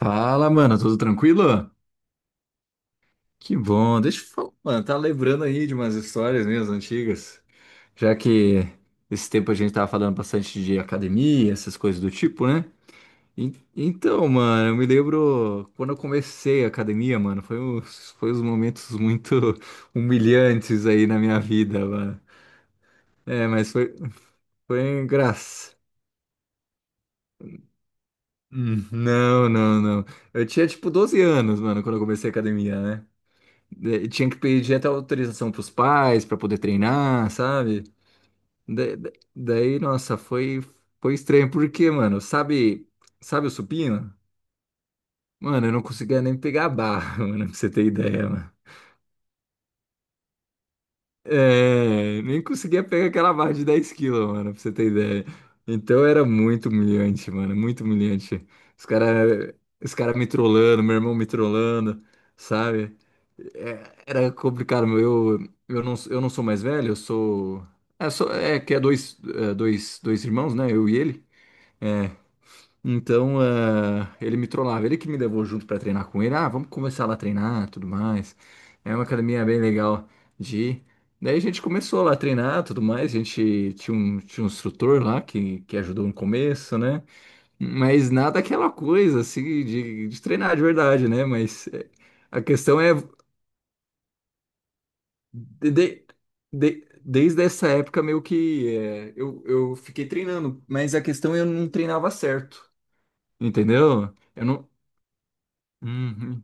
Fala, mano, tudo tranquilo? Que bom, deixa eu falar, mano, tá lembrando aí de umas histórias minhas antigas, já que esse tempo a gente tava falando bastante de academia, essas coisas do tipo, né? Então, mano, eu me lembro quando eu comecei a academia, mano, foi uns momentos muito humilhantes aí na minha vida, mano. É, mas foi engraçado. Hum. Não, não, não. Eu tinha tipo 12 anos, mano, quando eu comecei a academia, né? Tinha que pedir até autorização pros pais para poder treinar, sabe? Da- da- Daí, nossa, foi estranho. Porque, mano, sabe o supino? Mano, eu não conseguia nem pegar a barra, mano, pra você ter ideia. É, nem conseguia pegar aquela barra de 10 quilos, mano, pra você ter ideia. Então era muito humilhante, mano, muito humilhante. Os cara, os cara me trollando, meu irmão me trollando, sabe? É, era complicado, meu. Eu, eu não sou mais velho, eu sou. É, sou, é que é dois, é, dois irmãos, né? Eu e ele. É, então, ele me trollava, ele que me levou junto pra treinar com ele. Ah, vamos começar lá a treinar, tudo mais. É uma academia bem legal de ir. Daí a gente começou lá a treinar, tudo mais. A gente tinha um instrutor lá que ajudou no começo, né? Mas nada aquela coisa assim de treinar de verdade, né? Mas a questão é de- de- desde essa época meio que eu fiquei treinando, mas a questão é eu não treinava certo, entendeu? Eu não. Uhum.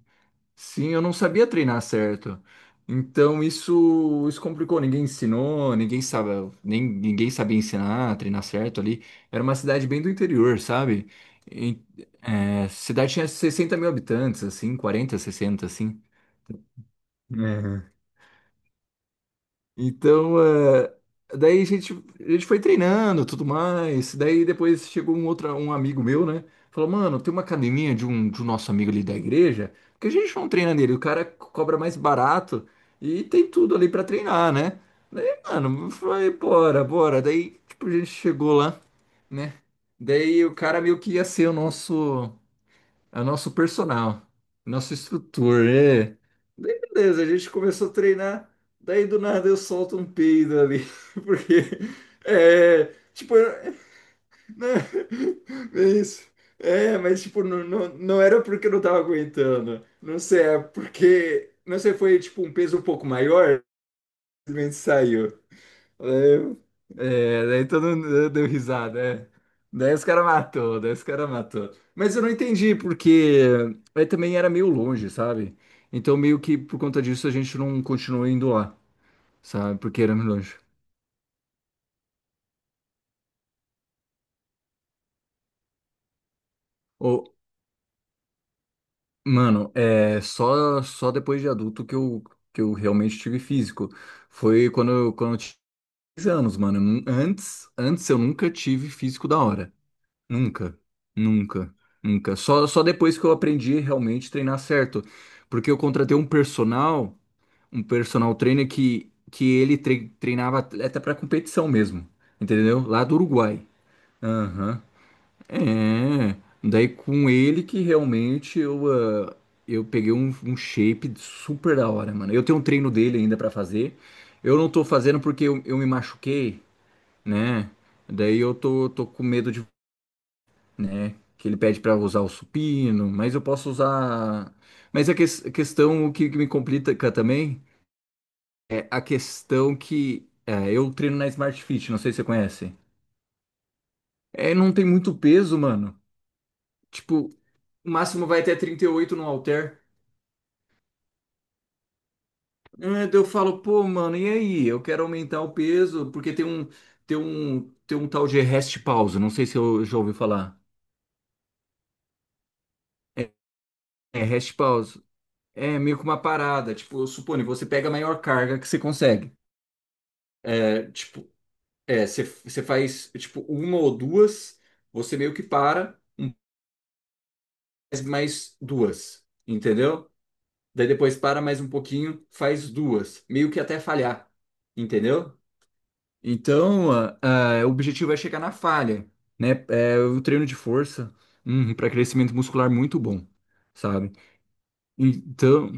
Sim, eu não sabia treinar certo. Então isso complicou. Ninguém ensinou, ninguém sabe, nem, ninguém sabia ensinar, treinar certo ali. Era uma cidade bem do interior, sabe? E, é, cidade tinha 60 mil habitantes, assim, 40, 60 assim. Então, daí a gente foi treinando, tudo mais. Daí depois chegou um outro, um amigo meu, né? Falou, mano, tem uma academia de um nosso amigo ali da igreja, porque a gente não treina nele, o cara cobra mais barato e tem tudo ali pra treinar, né? Daí, mano, bora, bora. Daí, tipo, a gente chegou lá, né? Daí o cara meio que ia ser o nosso. É o nosso personal, nosso instrutor, é. Daí, beleza, a gente começou a treinar, daí do nada eu solto um peido ali, porque, é, tipo, não, é isso, mas tipo, não, não, não era porque eu não tava aguentando, não sei, é porque, não sei, foi tipo um peso um pouco maior, simplesmente saiu. Aí- É, daí todo mundo deu risada, é. Daí os caras matou, daí os caras matou. Mas eu não entendi, porque aí também era meio longe, sabe? Então meio que por conta disso a gente não continuou indo lá, sabe? Porque era meio longe. Ô, mano, é só depois de adulto que eu realmente tive físico. Foi quando, quando eu tinha 10 anos, mano. Antes eu nunca tive físico da hora. Nunca, nunca, nunca. Só depois que eu aprendi realmente a treinar certo. Porque eu contratei um personal trainer que ele treinava atleta pra competição mesmo, entendeu? Lá do Uruguai. Aham. É. Daí com ele que realmente ah, eu peguei um shape super da hora, mano. Eu tenho um treino dele ainda pra fazer. Eu não tô fazendo porque eu me machuquei, né? Daí eu tô com medo de, né? Que ele pede para usar o supino, mas eu posso usar. Mas a questão que me complica também é a questão que é, eu treino na Smart Fit, não sei se você conhece. É, não tem muito peso, mano. Tipo, o máximo vai até 38 no halter. Daí eu falo, pô, mano, e aí? Eu quero aumentar o peso, porque tem um tal de rest pause, não sei se eu já ouvi falar. É, é rest pause. É meio que uma parada, tipo, suponho, você pega a maior carga que você consegue. É, tipo, é, você faz tipo uma ou duas, você meio que para, faz mais duas, entendeu? Daí depois para mais um pouquinho, faz duas, meio que até falhar, entendeu? Então, o objetivo é chegar na falha, né? É o treino de força, para crescimento muscular muito bom, sabe? Então,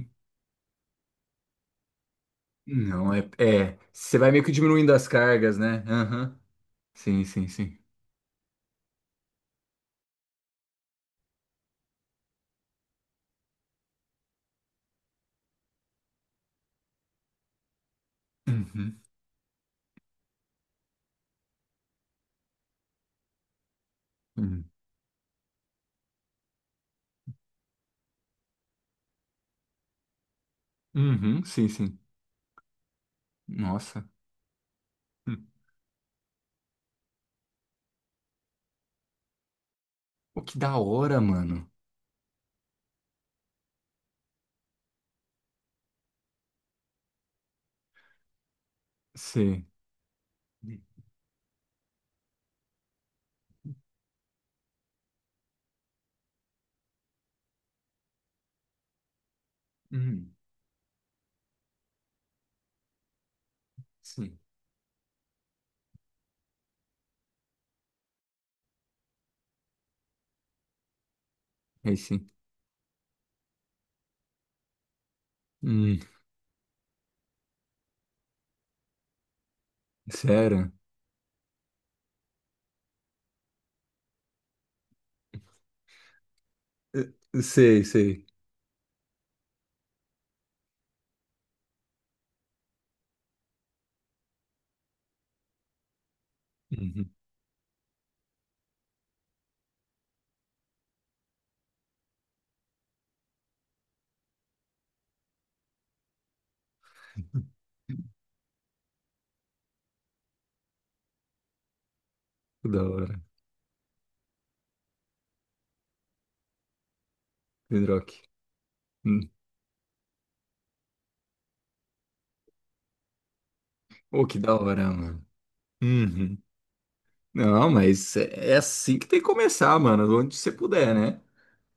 não, você vai meio que diminuindo as cargas, né? Aham. Sim, sim, sim. Uhum. Uhum. Uhum, sim, sim. Nossa, hum, pô, que da hora, mano. Sim. Hum, sim. Aí sim. Hum, sério? Sei, sei. Uhum. Que da hora. Pedroque. Hum. Pô, que da hora, mano. Uhum. Não, mas é assim que tem que começar, mano, onde você puder, né?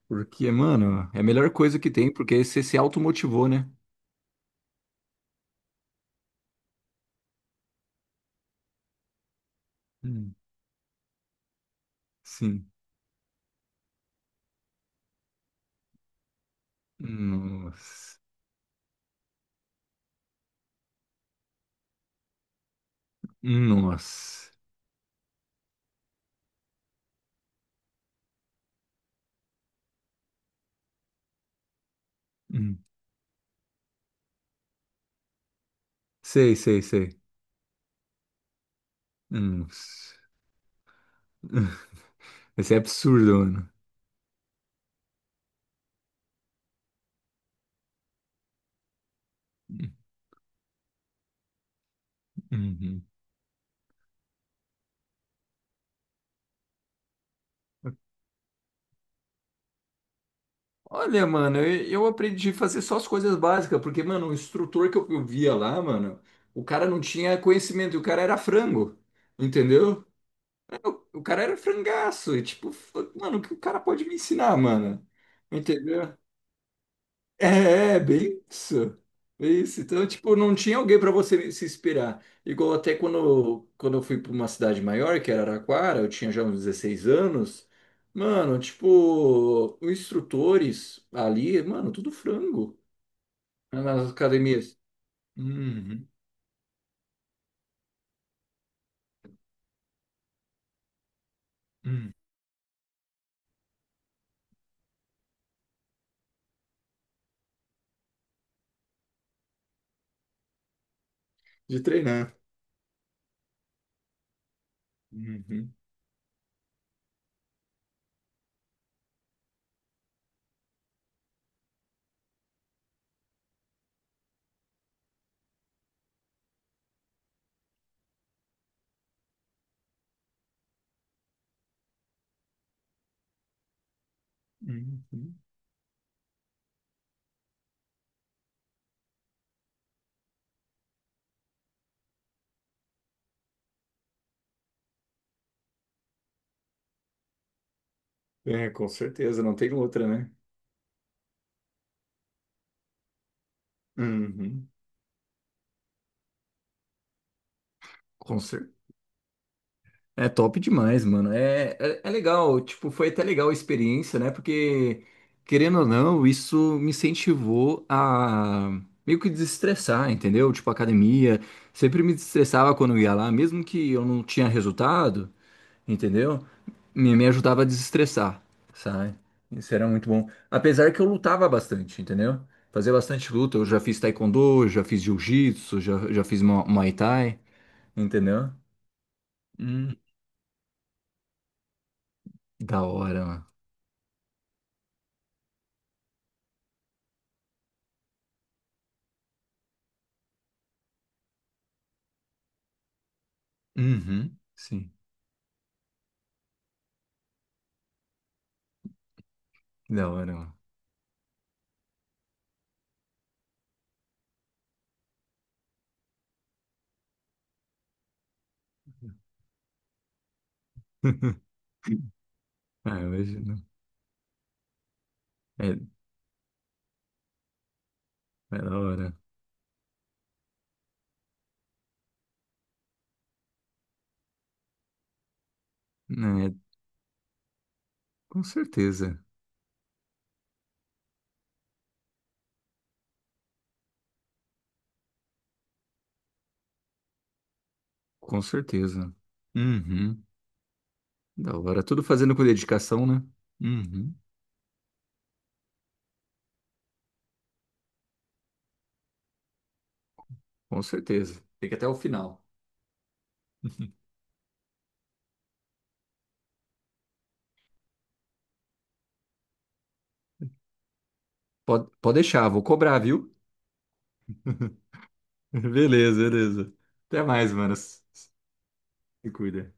Porque, mano, é a melhor coisa que tem, porque você se automotivou, né? Hum, sim. Nossa. Nossa. Hum. Sei, sei, sei. Nossa. Isso é absurdo, mano. Uhum. Olha, mano, eu aprendi a fazer só as coisas básicas, porque, mano, o instrutor que eu via lá, mano, o cara não tinha conhecimento, e o cara era frango, entendeu? O cara era frangaço, e tipo, mano, o que o cara pode me ensinar, mano? Entendeu? Bem isso. Bem isso. Então, tipo, não tinha alguém para você se inspirar. Igual até quando eu fui para uma cidade maior, que era Araraquara, eu tinha já uns 16 anos. Mano, tipo, os instrutores ali, mano, tudo frango né, nas academias. Uhum, uhum. De treinar. Uhum, uhum. É, com certeza, não tem outra, né? Uhum. Com cer- É top demais, mano. É legal, tipo, foi até legal a experiência, né? Porque, querendo ou não, isso me incentivou a meio que desestressar, entendeu? Tipo, academia, sempre me desestressava quando eu ia lá, mesmo que eu não tinha resultado, entendeu? Me ajudava a desestressar, sabe? Isso era muito bom. Apesar que eu lutava bastante, entendeu? Fazia bastante luta. Eu já fiz taekwondo, já fiz jiu-jitsu, já fiz muay thai, entendeu? Hum, da hora, mano. Uhum, sim, da hora, ó. Ah, eu imagino. É, é da hora. É, com certeza, com certeza. Uhum, da hora. Tudo fazendo com dedicação, né? Uhum, com certeza. Fica até o final. Pode, pode deixar, vou cobrar, viu? Beleza, beleza. Até mais, mano. Se cuida.